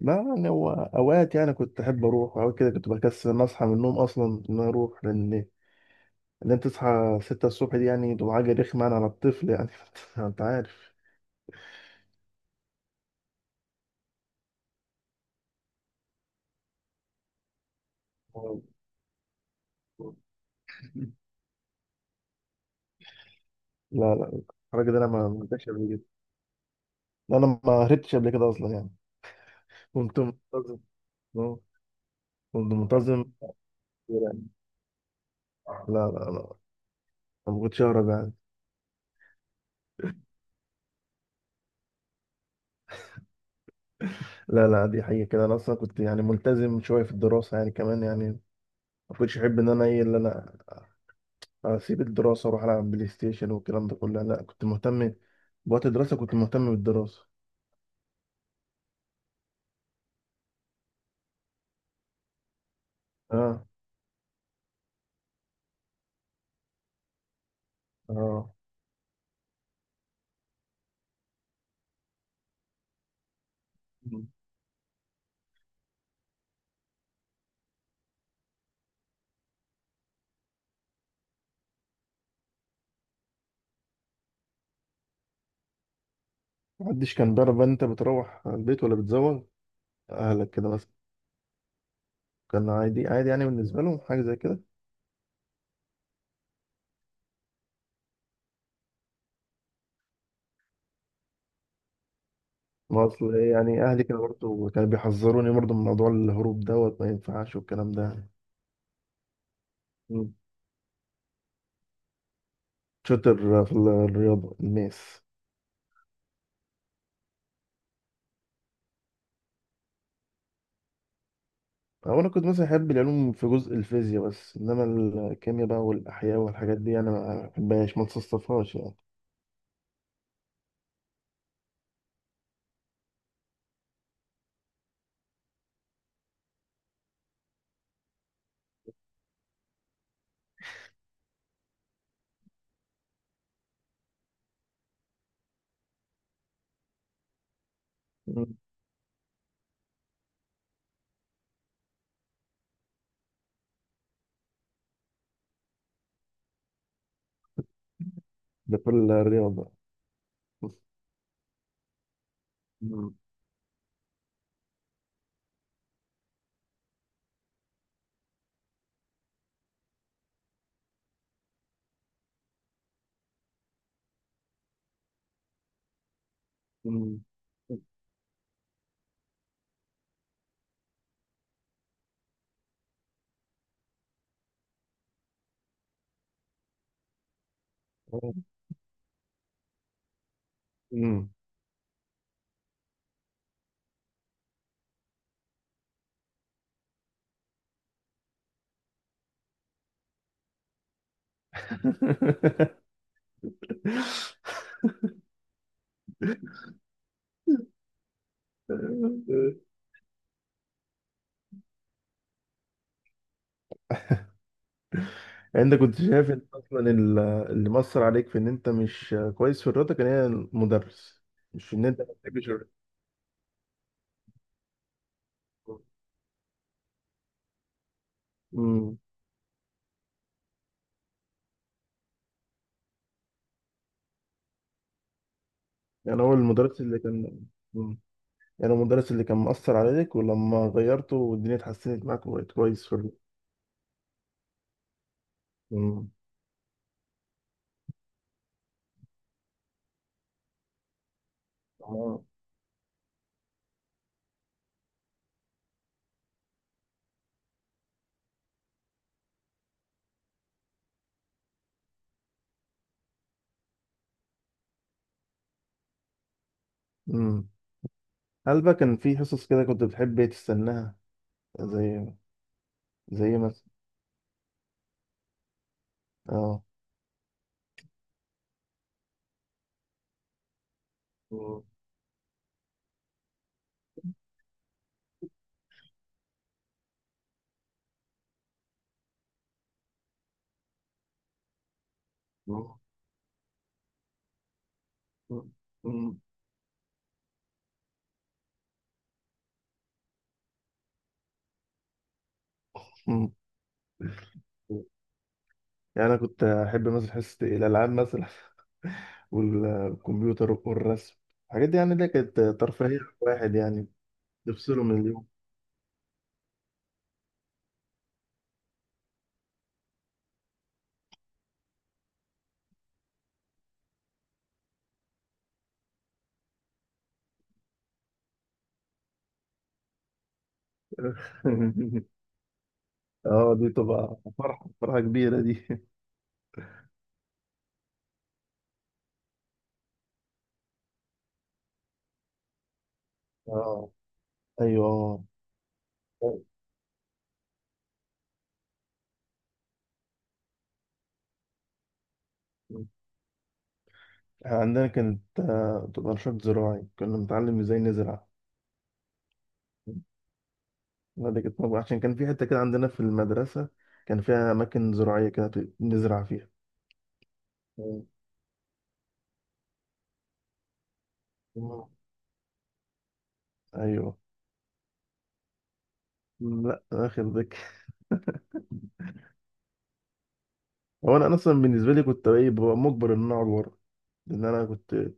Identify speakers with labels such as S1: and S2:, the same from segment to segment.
S1: لا، يعني هو اوقات يعني كنت احب اروح اوقات كده، كنت بكسل ان اصحى من النوم اصلا، ان أنا اروح، لان ان انت تصحى 6 الصبح دي يعني تبقى حاجه رخمه يعني على الطفل يعني. انت عارف. لا، لا. الحركه دي انا ما عملتهاش قبل كده. لا، انا ما هربتش قبل كده اصلا يعني. كنت منتظم. آه، كنت منتظم يعني. لا، لا، لا، أنا ما كنتش اهرب يعني. لا، لا، دي حقيقه كده، انا اصلا كنت يعني ملتزم شويه في الدراسه يعني كمان يعني. ما كنتش احب ان انا ايه اللي انا اسيب الدراسه واروح العب بلاي ستيشن والكلام ده كله. لا، كنت مهتم بوقت الدراسه. كنت مهتم بالدراسه. اه. اه. مم. محدش كان بيعرف بقى إن انت بتروح البيت ولا بتزوغ؟ اهلك كده مثلا؟ كان عادي، عادي يعني، بالنسبه لهم حاجه زي كده. ما اصل إيه يعني، اهلي كانوا برضه كانوا بيحذروني برضه من موضوع الهروب دوت، ما ينفعش والكلام ده. مم. شاطر في الرياضه الماس. هو انا كنت مثلا احب العلوم في جزء الفيزياء بس، انما الكيمياء بقى والاحياء والحاجات دي انا ما بحبهاش، ما تصصفهاش يعني. ده في الرياضة؟ مم. مم. مم. انت كنت شايف ان اصلا اللي مأثر عليك في ان انت مش كويس في الرياضة كان هي المدرس؟ مش ان انت ما بتحبش الرياضة؟ مم. يعني هو المدرس اللي كان. مم. يعني هو المدرس اللي كان مأثر عليك، ولما غيرته والدنيا اتحسنت معاك وبقيت كويس في الرياضة. مم. آه. امم. هل بقى كان في حصص كده كنت بتحب تستناها؟ زي زي مثلا؟ اه. مم. مم. مم. يعني انا كنت احب مثلا حصه الالعاب مثلا. والكمبيوتر والرسم، الحاجات دي يعني اللي كانت ترفيهيه واحد يعني. تفصله من اليوم. اه، دي تبقى فرحه، فرحه كبيره دي. اه. ايوه. عندنا كانت تبقى نشاط زراعي، كنا بنتعلم ازاي نزرع. لا، دي كانت موجودة عشان كان في حتة كده عندنا في المدرسة. كان فيها أماكن زراعية كده نزرع فيها. مم. أيوه. لا، اخر ذكي. هو انا اصلا بالنسبه لي كنت ايه ببقى مجبر ان انا اقعد ورا، لان انا كنت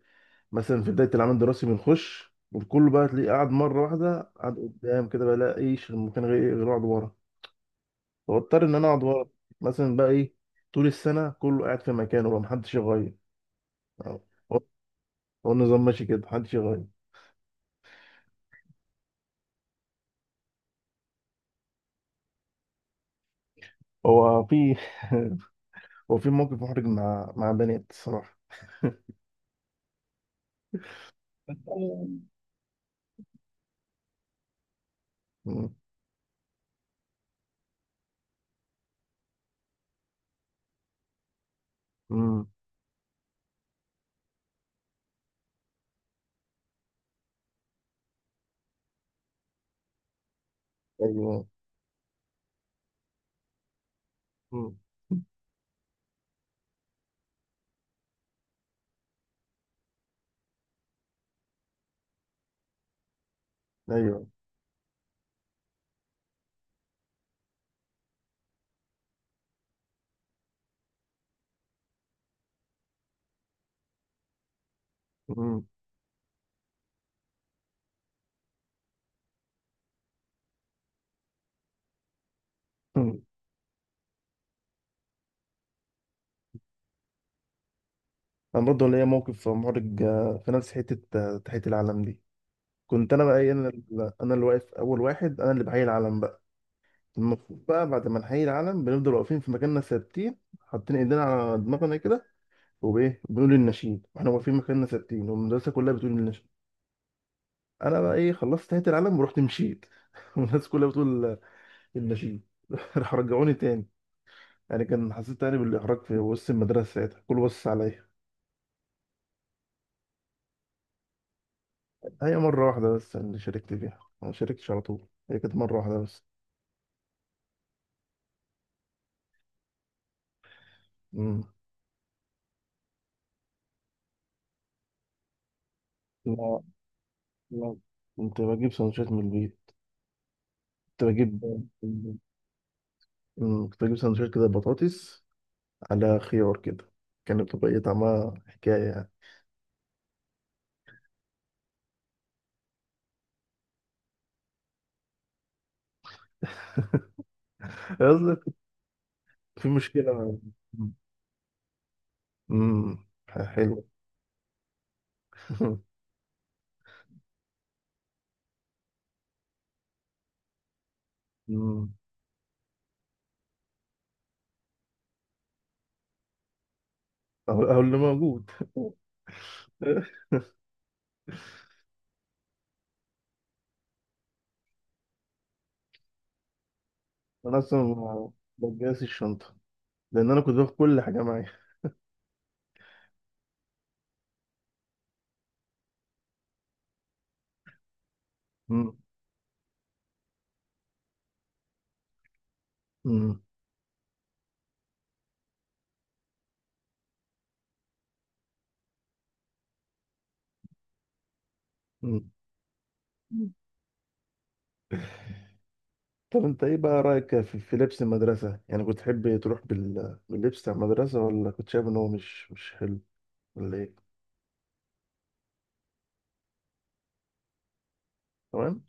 S1: مثلا في بدايه العمل الدراسي بنخش، والكل بقى تلاقيه قاعد مره واحده قاعد قدام، كده بقى لا ايش المكان غير اقعد ورا، فاضطر ان انا اقعد ورا. مثلا بقى ايه، طول السنه كله قاعد في مكانه بقى محدش يغير، هو هو النظام ماشي كده محدش يغير. هو في. هو في موقف محرج مع بنات الصراحه. امم. امم. ايوه. امم. ايوه. امم. انا برضه ليا موقف محرج، في نفس حته، تحيه العلم دي. كنت انا بقى انا انا اللي واقف اول واحد، انا اللي بحيي العلم بقى. المفروض بقى بعد ما نحيي العلم بنفضل واقفين في مكاننا ثابتين، حاطين ايدينا على دماغنا كده، وبايه بنقول النشيد واحنا واقفين مكاننا ثابتين، والمدرسه كلها بتقول النشيد. انا بقى ايه، خلصت تحيه العلم ورحت مشيت. والناس كلها بتقول النشيد. راح رجعوني تاني، يعني كان حسيت تاني بالاحراج في وسط المدرسه ساعتها كله بص عليا. هي مرة واحدة بس اللي شاركت فيها. أنا ما شاركتش على طول، هي كانت مرة واحدة بس. مم. لا، لا، كنت بجيب سندوتشات من البيت. كنت بجيب. مم. كنت بجيب سندوتشات كده، بطاطس على خيار كده، كانت بتبقى إيه طعمها حكاية يعني. قصدك. في مشكلة. امم. حلو. مم. أهو، أهو اللي موجود. أنا أصلا ما بجهزش الشنطة لأن أنا كنت باخد كل حاجة معايا. مم. مم. مم. طب انت ايه بقى رأيك في, لبس المدرسة يعني، كنت تحب تروح باللبس بتاع المدرسة، ولا كنت شايف ان هو مش حلو، ولا ايه؟ تمام.